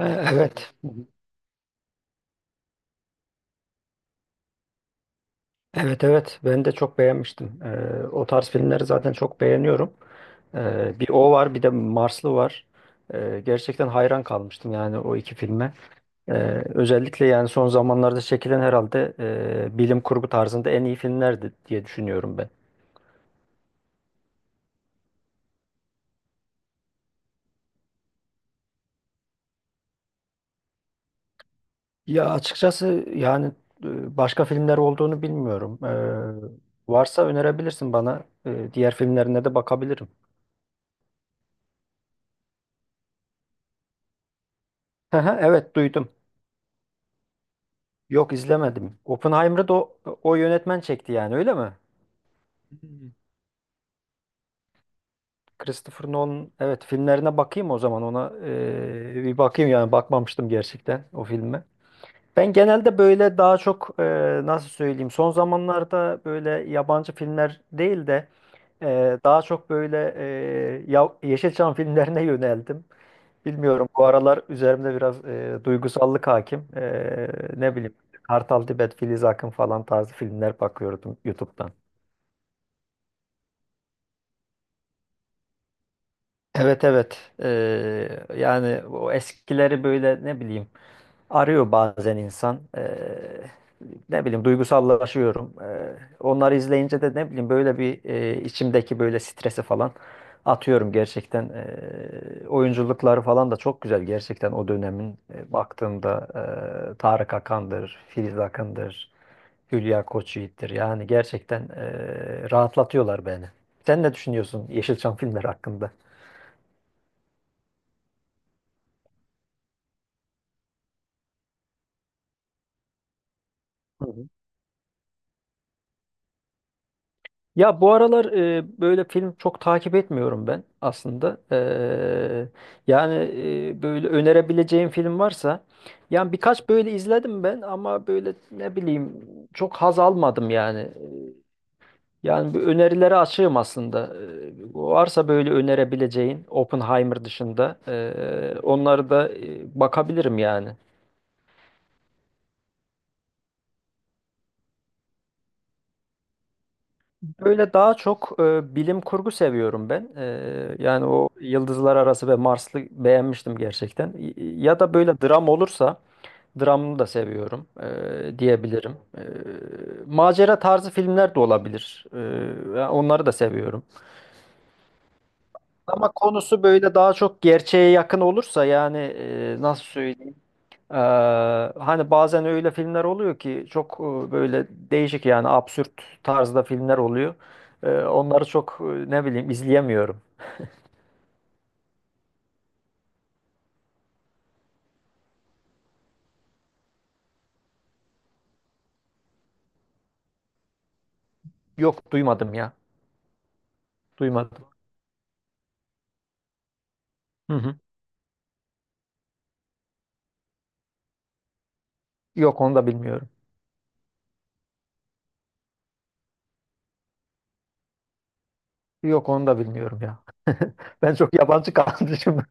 Evet. Hı hı. Evet evet, ben de çok beğenmiştim. O tarz filmleri zaten çok beğeniyorum. Bir o var bir de Marslı var. Gerçekten hayran kalmıştım yani o iki filme. E, Özellikle yani son zamanlarda çekilen herhalde bilim kurgu tarzında en iyi filmlerdi diye düşünüyorum ben. Ya açıkçası yani başka filmler olduğunu bilmiyorum. Varsa önerebilirsin bana. Diğer filmlerine de bakabilirim. Hı hı, evet duydum. Yok, izlemedim. Oppenheimer'ı da o yönetmen çekti yani, öyle mi? Christopher Nolan, evet, filmlerine bakayım o zaman, ona bir bakayım yani, bakmamıştım gerçekten o filme. Ben genelde böyle daha çok nasıl söyleyeyim, son zamanlarda böyle yabancı filmler değil de daha çok böyle ya, Yeşilçam filmlerine yöneldim. Bilmiyorum, bu aralar üzerimde biraz duygusallık hakim. Ne bileyim, Kartal Tibet, Filiz Akın falan tarzı filmler bakıyordum YouTube'dan. Evet evet, yani o eskileri böyle, ne bileyim, arıyor bazen insan, ne bileyim duygusallaşıyorum, onları izleyince de, ne bileyim, böyle bir, içimdeki böyle stresi falan atıyorum gerçekten, oyunculukları falan da çok güzel gerçekten o dönemin, baktığımda Tarık Akan'dır, Filiz Akın'dır, Hülya Koçyiğit'tir, yani gerçekten rahatlatıyorlar beni. Sen ne düşünüyorsun Yeşilçam filmleri hakkında? Hı hı. Ya, bu aralar böyle film çok takip etmiyorum ben aslında. Yani böyle önerebileceğim film varsa, yani birkaç böyle izledim ben, ama böyle, ne bileyim, çok haz almadım yani. Yani bu önerilere açığım aslında. Varsa böyle önerebileceğin, Oppenheimer dışında, onları da bakabilirim yani. Böyle daha çok bilim kurgu seviyorum ben. Yani o Yıldızlar Arası ve Marslı beğenmiştim gerçekten. Ya da böyle dram olursa, dramını da seviyorum diyebilirim. Macera tarzı filmler de olabilir. Ya, onları da seviyorum. Ama konusu böyle daha çok gerçeğe yakın olursa yani, nasıl söyleyeyim? Ee, Hani bazen öyle filmler oluyor ki çok böyle değişik, yani absürt tarzda filmler oluyor. Onları çok, ne bileyim, izleyemiyorum. Yok, duymadım ya. Duymadım. Hı hı. Yok, onu da bilmiyorum. Yok, onu da bilmiyorum ya. Ben çok yabancı kalmışım.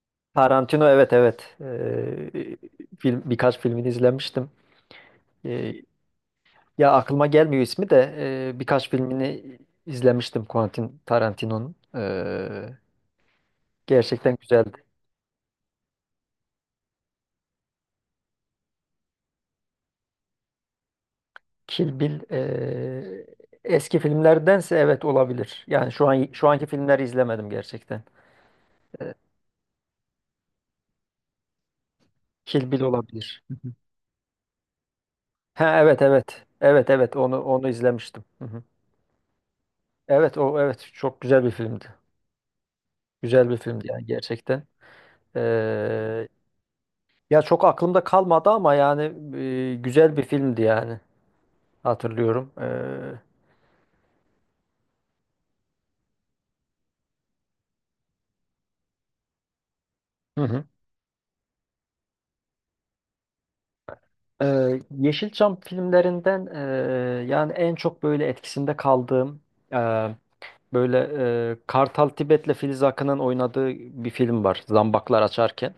Tarantino, evet evet. Film, birkaç filmini izlemiştim. Ee, Ya, aklıma gelmiyor ismi de, birkaç filmini izlemiştim Quentin Tarantino'nun. Gerçekten güzeldi. Kill Bill, eski filmlerdense evet, olabilir. Yani şu an, şu anki filmleri izlemedim gerçekten. Eee, Kill Bill olabilir. Ha, evet evet. Evet evet, onu izlemiştim. Hı hı. Evet, o, evet, çok güzel bir filmdi. Güzel bir filmdi yani gerçekten. Eee, Ya, çok aklımda kalmadı ama yani, güzel bir filmdi yani, hatırlıyorum. Hı hı. Yeşilçam filmlerinden, yani en çok böyle etkisinde kaldığım, böyle, Kartal Tibet'le Filiz Akın'ın oynadığı bir film var. Zambaklar Açarken.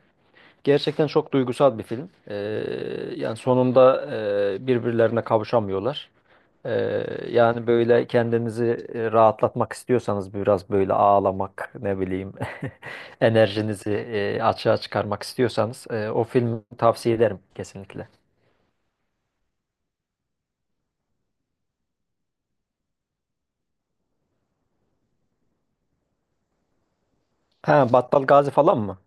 Gerçekten çok duygusal bir film. Yani sonunda birbirlerine kavuşamıyorlar. E, Yani böyle kendinizi rahatlatmak istiyorsanız biraz, böyle ağlamak, ne bileyim, enerjinizi açığa çıkarmak istiyorsanız o filmi tavsiye ederim kesinlikle. Ha, Battal Gazi falan mı?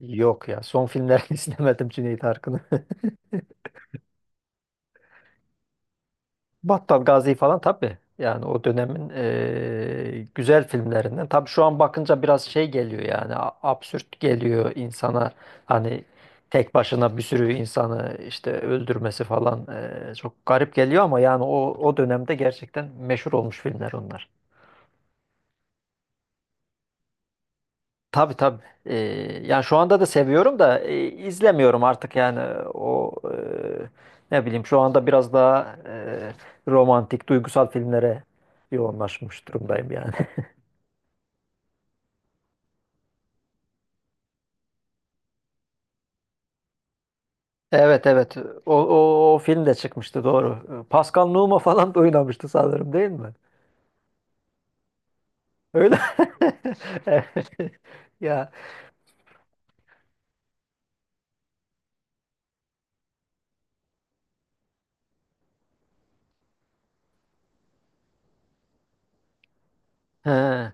Yok ya, son filmlerini izlemedim Cüneyt Arkın'ın. Battal Gazi falan tabii. Yani o dönemin, güzel filmlerinden. Tabii şu an bakınca biraz şey geliyor yani, absürt geliyor insana. Hani tek başına bir sürü insanı işte öldürmesi falan, çok garip geliyor ama yani, o, o dönemde gerçekten meşhur olmuş filmler onlar. Tabii tabii. Yani şu anda da seviyorum da, izlemiyorum artık yani o, ne bileyim, şu anda biraz daha romantik, duygusal filmlere yoğunlaşmış durumdayım yani. Evet evet. O film de çıkmıştı, doğru. Pascal Nouma falan da oynamıştı sanırım, değil mi? Öyle. Evet. Ya. He.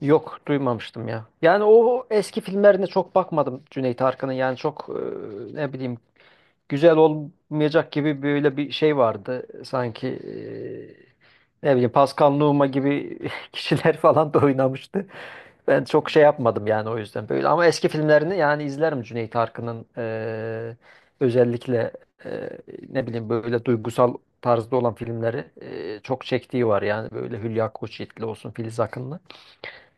Yok, duymamıştım ya. Yani o eski filmlerine çok bakmadım Cüneyt Arkın'ın. Yani çok, ne bileyim, güzel olmayacak gibi böyle bir şey vardı. Sanki ne bileyim, Pascal Nouma gibi kişiler falan da oynamıştı. Ben çok şey yapmadım yani, o yüzden böyle. Ama eski filmlerini yani izlerim Cüneyt Arkın'ın, özellikle e, ne bileyim böyle duygusal tarzda olan filmleri çok çektiği var yani, böyle Hülya Koçyiğit'li olsun, Filiz Akın'la.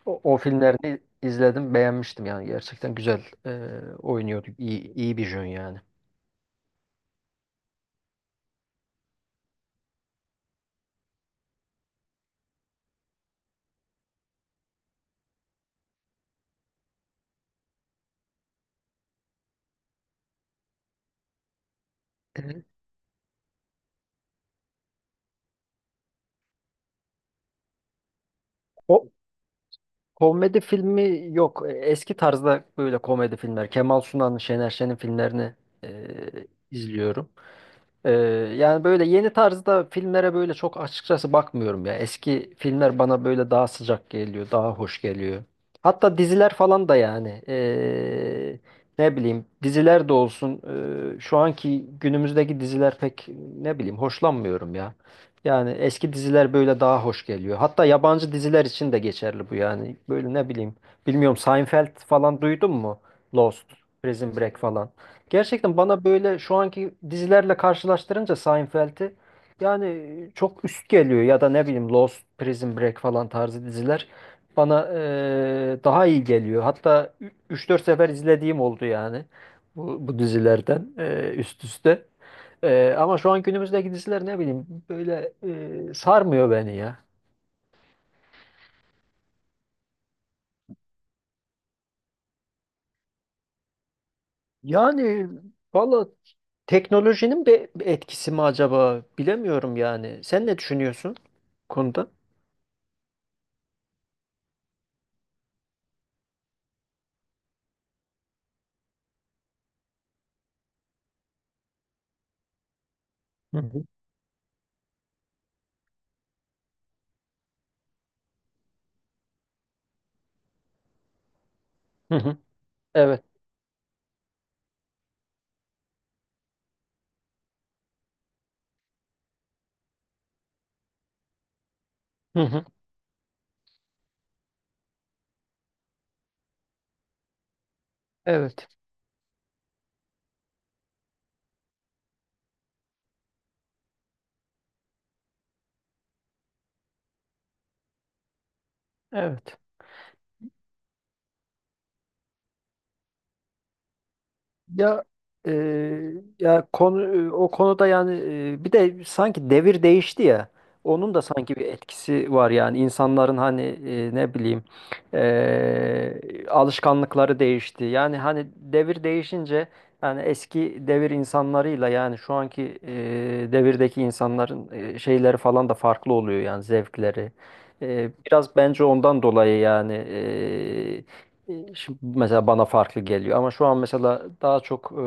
O, o filmlerini izledim, beğenmiştim yani, gerçekten güzel oynuyordu. İyi, iyi bir jön yani. Evet. O komedi filmi yok. Eski tarzda böyle komedi filmler. Kemal Sunal'ın, Şener Şen'in filmlerini izliyorum. Ee, Yani böyle yeni tarzda filmlere böyle çok açıkçası bakmıyorum ya. Eski filmler bana böyle daha sıcak geliyor, daha hoş geliyor. Hatta diziler falan da yani, ne bileyim, diziler de olsun, şu anki günümüzdeki diziler pek, ne bileyim, hoşlanmıyorum ya. Yani eski diziler böyle daha hoş geliyor. Hatta yabancı diziler için de geçerli bu yani. Böyle, ne bileyim. Bilmiyorum, Seinfeld falan duydun mu? Lost, Prison Break falan. Gerçekten bana böyle şu anki dizilerle karşılaştırınca Seinfeld'i, yani çok üst geliyor, ya da ne bileyim, Lost, Prison Break falan tarzı diziler bana, daha iyi geliyor. Hatta üç dört sefer izlediğim oldu yani bu dizilerden, üst üste. Ama şu an günümüzdeki diziler, ne bileyim, böyle, sarmıyor beni ya. Yani, valla, teknolojinin bir etkisi mi acaba, bilemiyorum yani. Sen ne düşünüyorsun bu konuda? Hı hı. Hı hı. Evet. Hı hı. Evet. Evet. Ya, e, ya konu, o konuda yani, bir de sanki devir değişti ya. Onun da sanki bir etkisi var yani, insanların hani, ne bileyim, alışkanlıkları değişti. Yani hani devir değişince, yani eski devir insanlarıyla yani şu anki devirdeki insanların şeyleri falan da farklı oluyor yani, zevkleri. Biraz bence ondan dolayı yani, şimdi mesela bana farklı geliyor ama şu an mesela daha çok, e,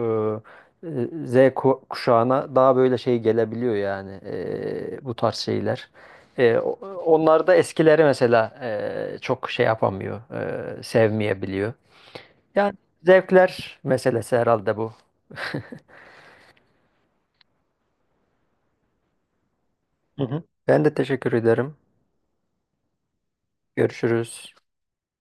e, Z kuşağına daha böyle şey gelebiliyor yani, bu tarz şeyler. E, o- Onlar da eskileri mesela çok şey yapamıyor, sevmeyebiliyor. Yani zevkler meselesi herhalde bu. Hı hı. Ben de teşekkür ederim. Görüşürüz.